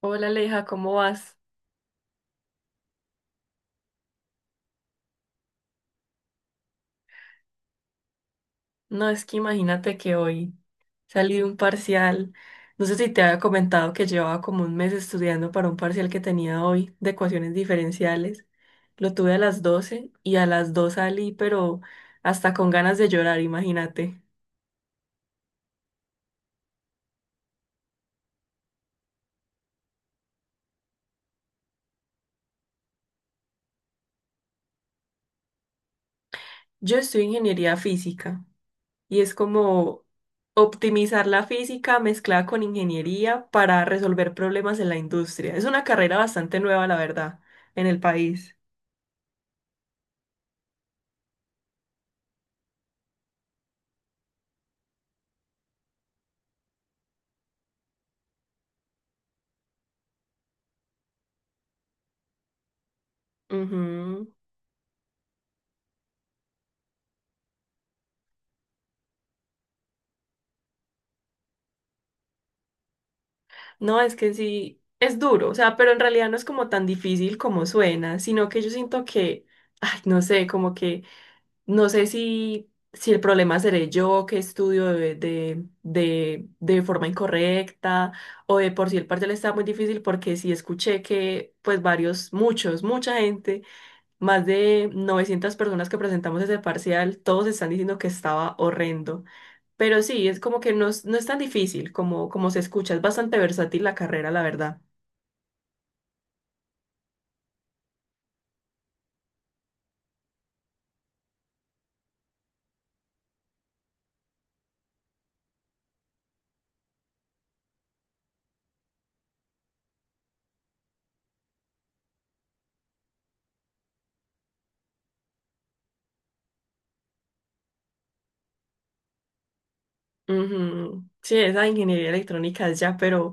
Hola Aleja, ¿cómo vas? No, es que imagínate que hoy salí de un parcial. No sé si te había comentado que llevaba como un mes estudiando para un parcial que tenía hoy de ecuaciones diferenciales. Lo tuve a las 12 y a las 2 salí, pero hasta con ganas de llorar, imagínate. Yo estudio ingeniería física y es como optimizar la física mezclada con ingeniería para resolver problemas en la industria. Es una carrera bastante nueva, la verdad, en el país. Ujú. No, es que sí, es duro, o sea, pero en realidad no es como tan difícil como suena, sino que yo siento que, ay, no sé, como que, no sé si el problema seré yo que estudio de forma incorrecta o de por sí el parcial está muy difícil porque sí escuché que, pues, varios, muchos, mucha gente, más de 900 personas que presentamos ese parcial, todos están diciendo que estaba horrendo. Pero sí, es como que no es tan difícil como se escucha, es bastante versátil la carrera, la verdad. Ujú. Sí, esa ingeniería electrónica es ya, pero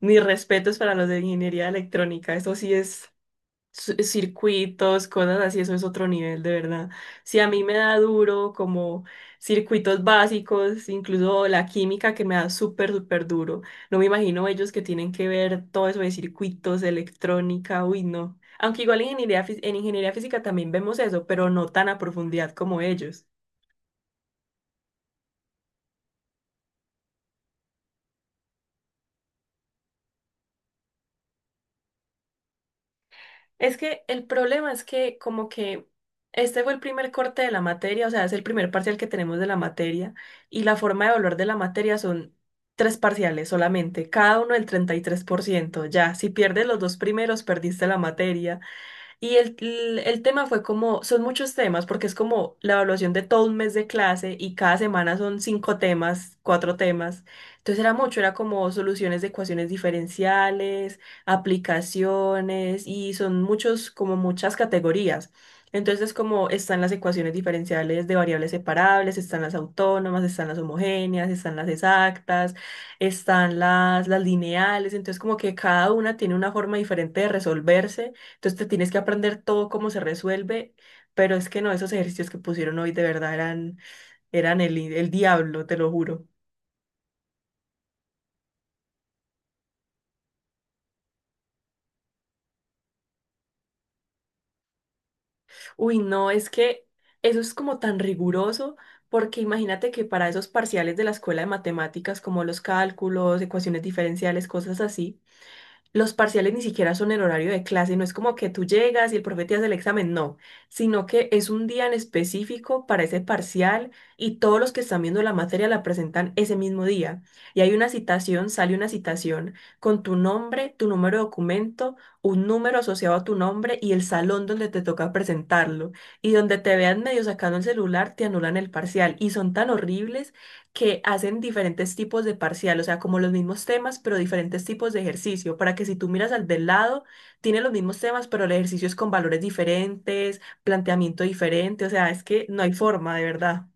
mis respetos para los de ingeniería electrónica, eso sí es circuitos, cosas así, eso es otro nivel, de verdad. Si a mí me da duro como circuitos básicos, incluso la química que me da súper, súper duro, no me imagino ellos que tienen que ver todo eso de circuitos, electrónica, uy, no. Aunque igual en ingeniería, en ingeniería física también vemos eso, pero no tan a profundidad como ellos. Es que el problema es que como que este fue el primer corte de la materia, o sea, es el primer parcial que tenemos de la materia y la forma de evaluar de la materia son tres parciales solamente, cada uno del 33% ya, si pierdes los dos primeros, perdiste la materia, y el tema fue como, son muchos temas, porque es como la evaluación de todo un mes de clase y cada semana son cinco temas, cuatro temas. Entonces era mucho, era como soluciones de ecuaciones diferenciales, aplicaciones y son muchos, como muchas categorías. Entonces como están las ecuaciones diferenciales de variables separables, están las autónomas, están las homogéneas, están las exactas, están las lineales. Entonces como que cada una tiene una forma diferente de resolverse. Entonces te tienes que aprender todo cómo se resuelve, pero es que no, esos ejercicios que pusieron hoy de verdad eran el diablo, te lo juro. Uy, no, es que eso es como tan riguroso, porque imagínate que para esos parciales de la escuela de matemáticas, como los cálculos, ecuaciones diferenciales, cosas así, los parciales ni siquiera son en horario de clase, no es como que tú llegas y el profe te hace el examen, no, sino que es un día en específico para ese parcial y todos los que están viendo la materia la presentan ese mismo día. Y hay una citación, sale una citación con tu nombre, tu número de documento, un número asociado a tu nombre y el salón donde te toca presentarlo. Y donde te vean medio sacando el celular, te anulan el parcial. Y son tan horribles que hacen diferentes tipos de parcial, o sea, como los mismos temas, pero diferentes tipos de ejercicio, para que si tú miras al del lado, tiene los mismos temas, pero el ejercicio es con valores diferentes, planteamiento diferente, o sea, es que no hay forma, de verdad.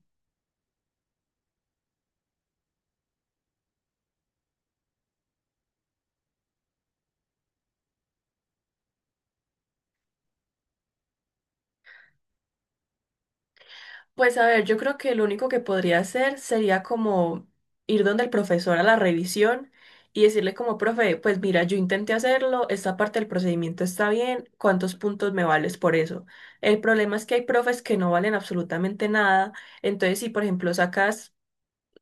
Pues a ver, yo creo que lo único que podría hacer sería como ir donde el profesor a la revisión y decirle como, profe, pues mira, yo intenté hacerlo, esta parte del procedimiento está bien, ¿cuántos puntos me vales por eso? El problema es que hay profes que no valen absolutamente nada, entonces si por ejemplo sacas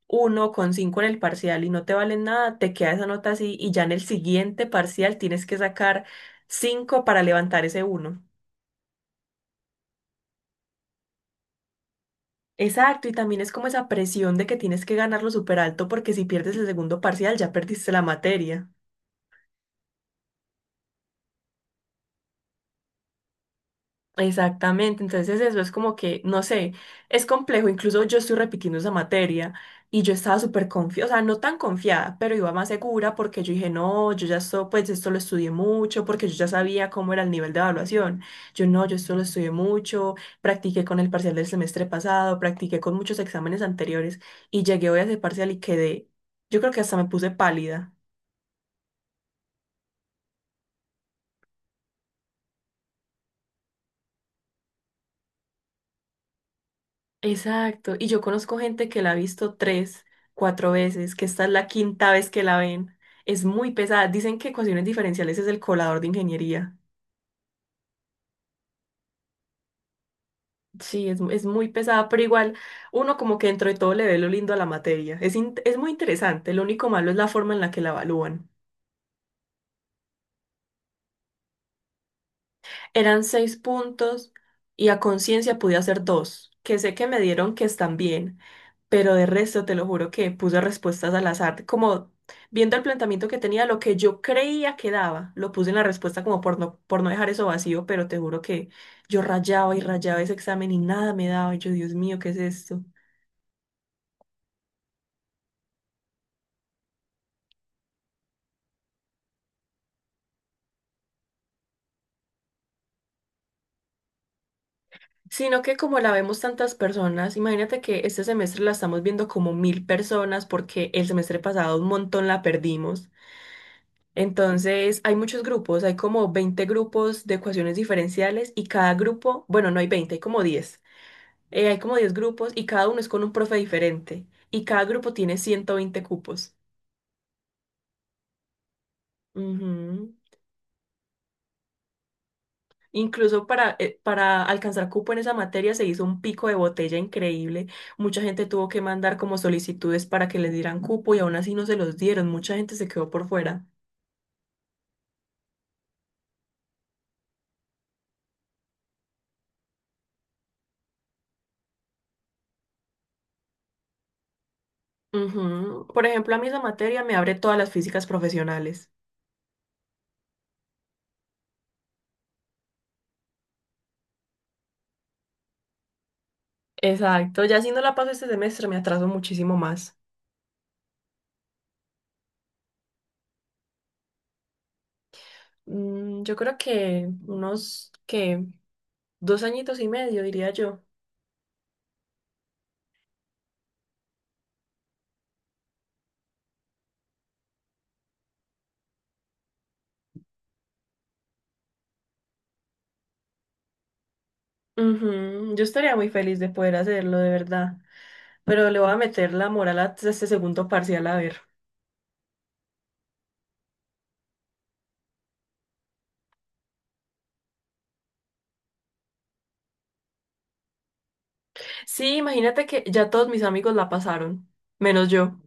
1,5 en el parcial y no te valen nada, te queda esa nota así y ya en el siguiente parcial tienes que sacar cinco para levantar ese uno. Exacto, y también es como esa presión de que tienes que ganarlo súper alto porque si pierdes el segundo parcial ya perdiste la materia. Exactamente, entonces eso es como que, no sé, es complejo, incluso yo estoy repitiendo esa materia y yo estaba súper confiada, o sea, no tan confiada, pero iba más segura porque yo dije, no, yo ya esto, pues esto lo estudié mucho, porque yo ya sabía cómo era el nivel de evaluación, yo no, yo esto lo estudié mucho, practiqué con el parcial del semestre pasado, practiqué con muchos exámenes anteriores y llegué hoy a ese parcial y quedé, yo creo que hasta me puse pálida. Exacto, y yo conozco gente que la ha visto tres, cuatro veces, que esta es la quinta vez que la ven. Es muy pesada. Dicen que ecuaciones diferenciales es el colador de ingeniería. Sí, es muy pesada, pero igual uno como que dentro de todo le ve lo lindo a la materia. Es muy interesante, lo único malo es la forma en la que la evalúan. Eran seis puntos y a conciencia pude hacer dos, que sé que me dieron que están bien, pero de resto te lo juro que puse respuestas al azar, como viendo el planteamiento que tenía, lo que yo creía que daba, lo puse en la respuesta como por no dejar eso vacío, pero te juro que yo rayaba y rayaba ese examen y nada me daba, y yo, Dios mío, ¿qué es esto? Sino que como la vemos tantas personas, imagínate que este semestre la estamos viendo como 1.000 personas porque el semestre pasado un montón la perdimos. Entonces, hay muchos grupos, hay como 20 grupos de ecuaciones diferenciales y cada grupo, bueno, no hay 20 hay como 10. Hay como 10 grupos y cada uno es con un profe diferente. Y cada grupo tiene 120 cupos. Ujú. Incluso para alcanzar cupo en esa materia se hizo un pico de botella increíble. Mucha gente tuvo que mandar como solicitudes para que les dieran cupo y aún así no se los dieron. Mucha gente se quedó por fuera. Ujú. Por ejemplo, a mí esa materia me abre todas las físicas profesionales. Exacto, ya si no la paso este semestre me atraso muchísimo más. Yo creo que unos que 2 añitos y medio, diría yo. Ujú, yo estaría muy feliz de poder hacerlo, de verdad. Pero le voy a meter la moral a este segundo parcial a ver. Sí, imagínate que ya todos mis amigos la pasaron, menos yo.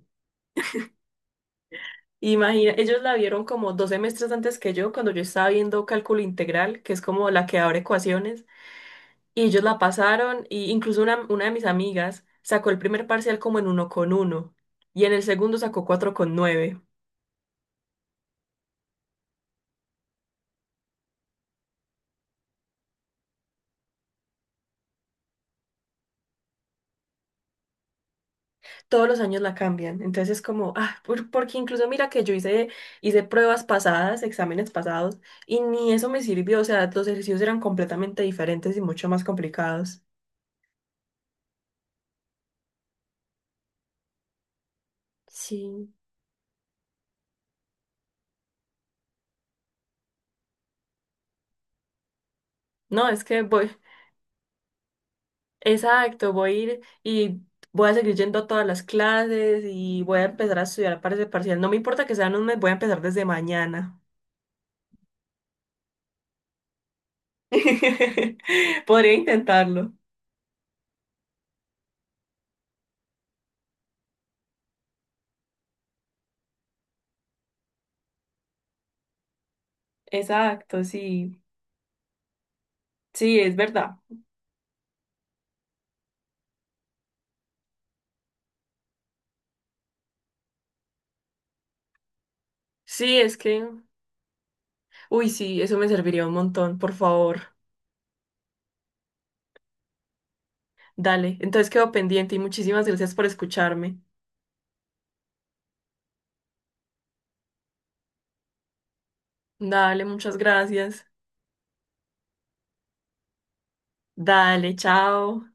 Imagina, ellos la vieron como 2 semestres antes que yo, cuando yo estaba viendo cálculo integral, que es como la que abre ecuaciones, y ellos la pasaron, y incluso una de mis amigas sacó el primer parcial como en 1,1, y en el segundo sacó 4,9. Todos los años la cambian. Entonces es como, ah, porque incluso mira que yo hice, hice pruebas pasadas, exámenes pasados, y ni eso me sirvió. O sea, los ejercicios eran completamente diferentes y mucho más complicados. Sí. No, es que voy, exacto, voy a ir y voy a seguir yendo a todas las clases y voy a empezar a estudiar para ese parcial. No me importa que sean un mes, voy a empezar desde mañana. Podría intentarlo. Exacto, sí. Sí, es verdad. Sí, es que uy, sí, eso me serviría un montón, por favor. Dale, entonces quedo pendiente y muchísimas gracias por escucharme. Dale, muchas gracias. Dale, chao.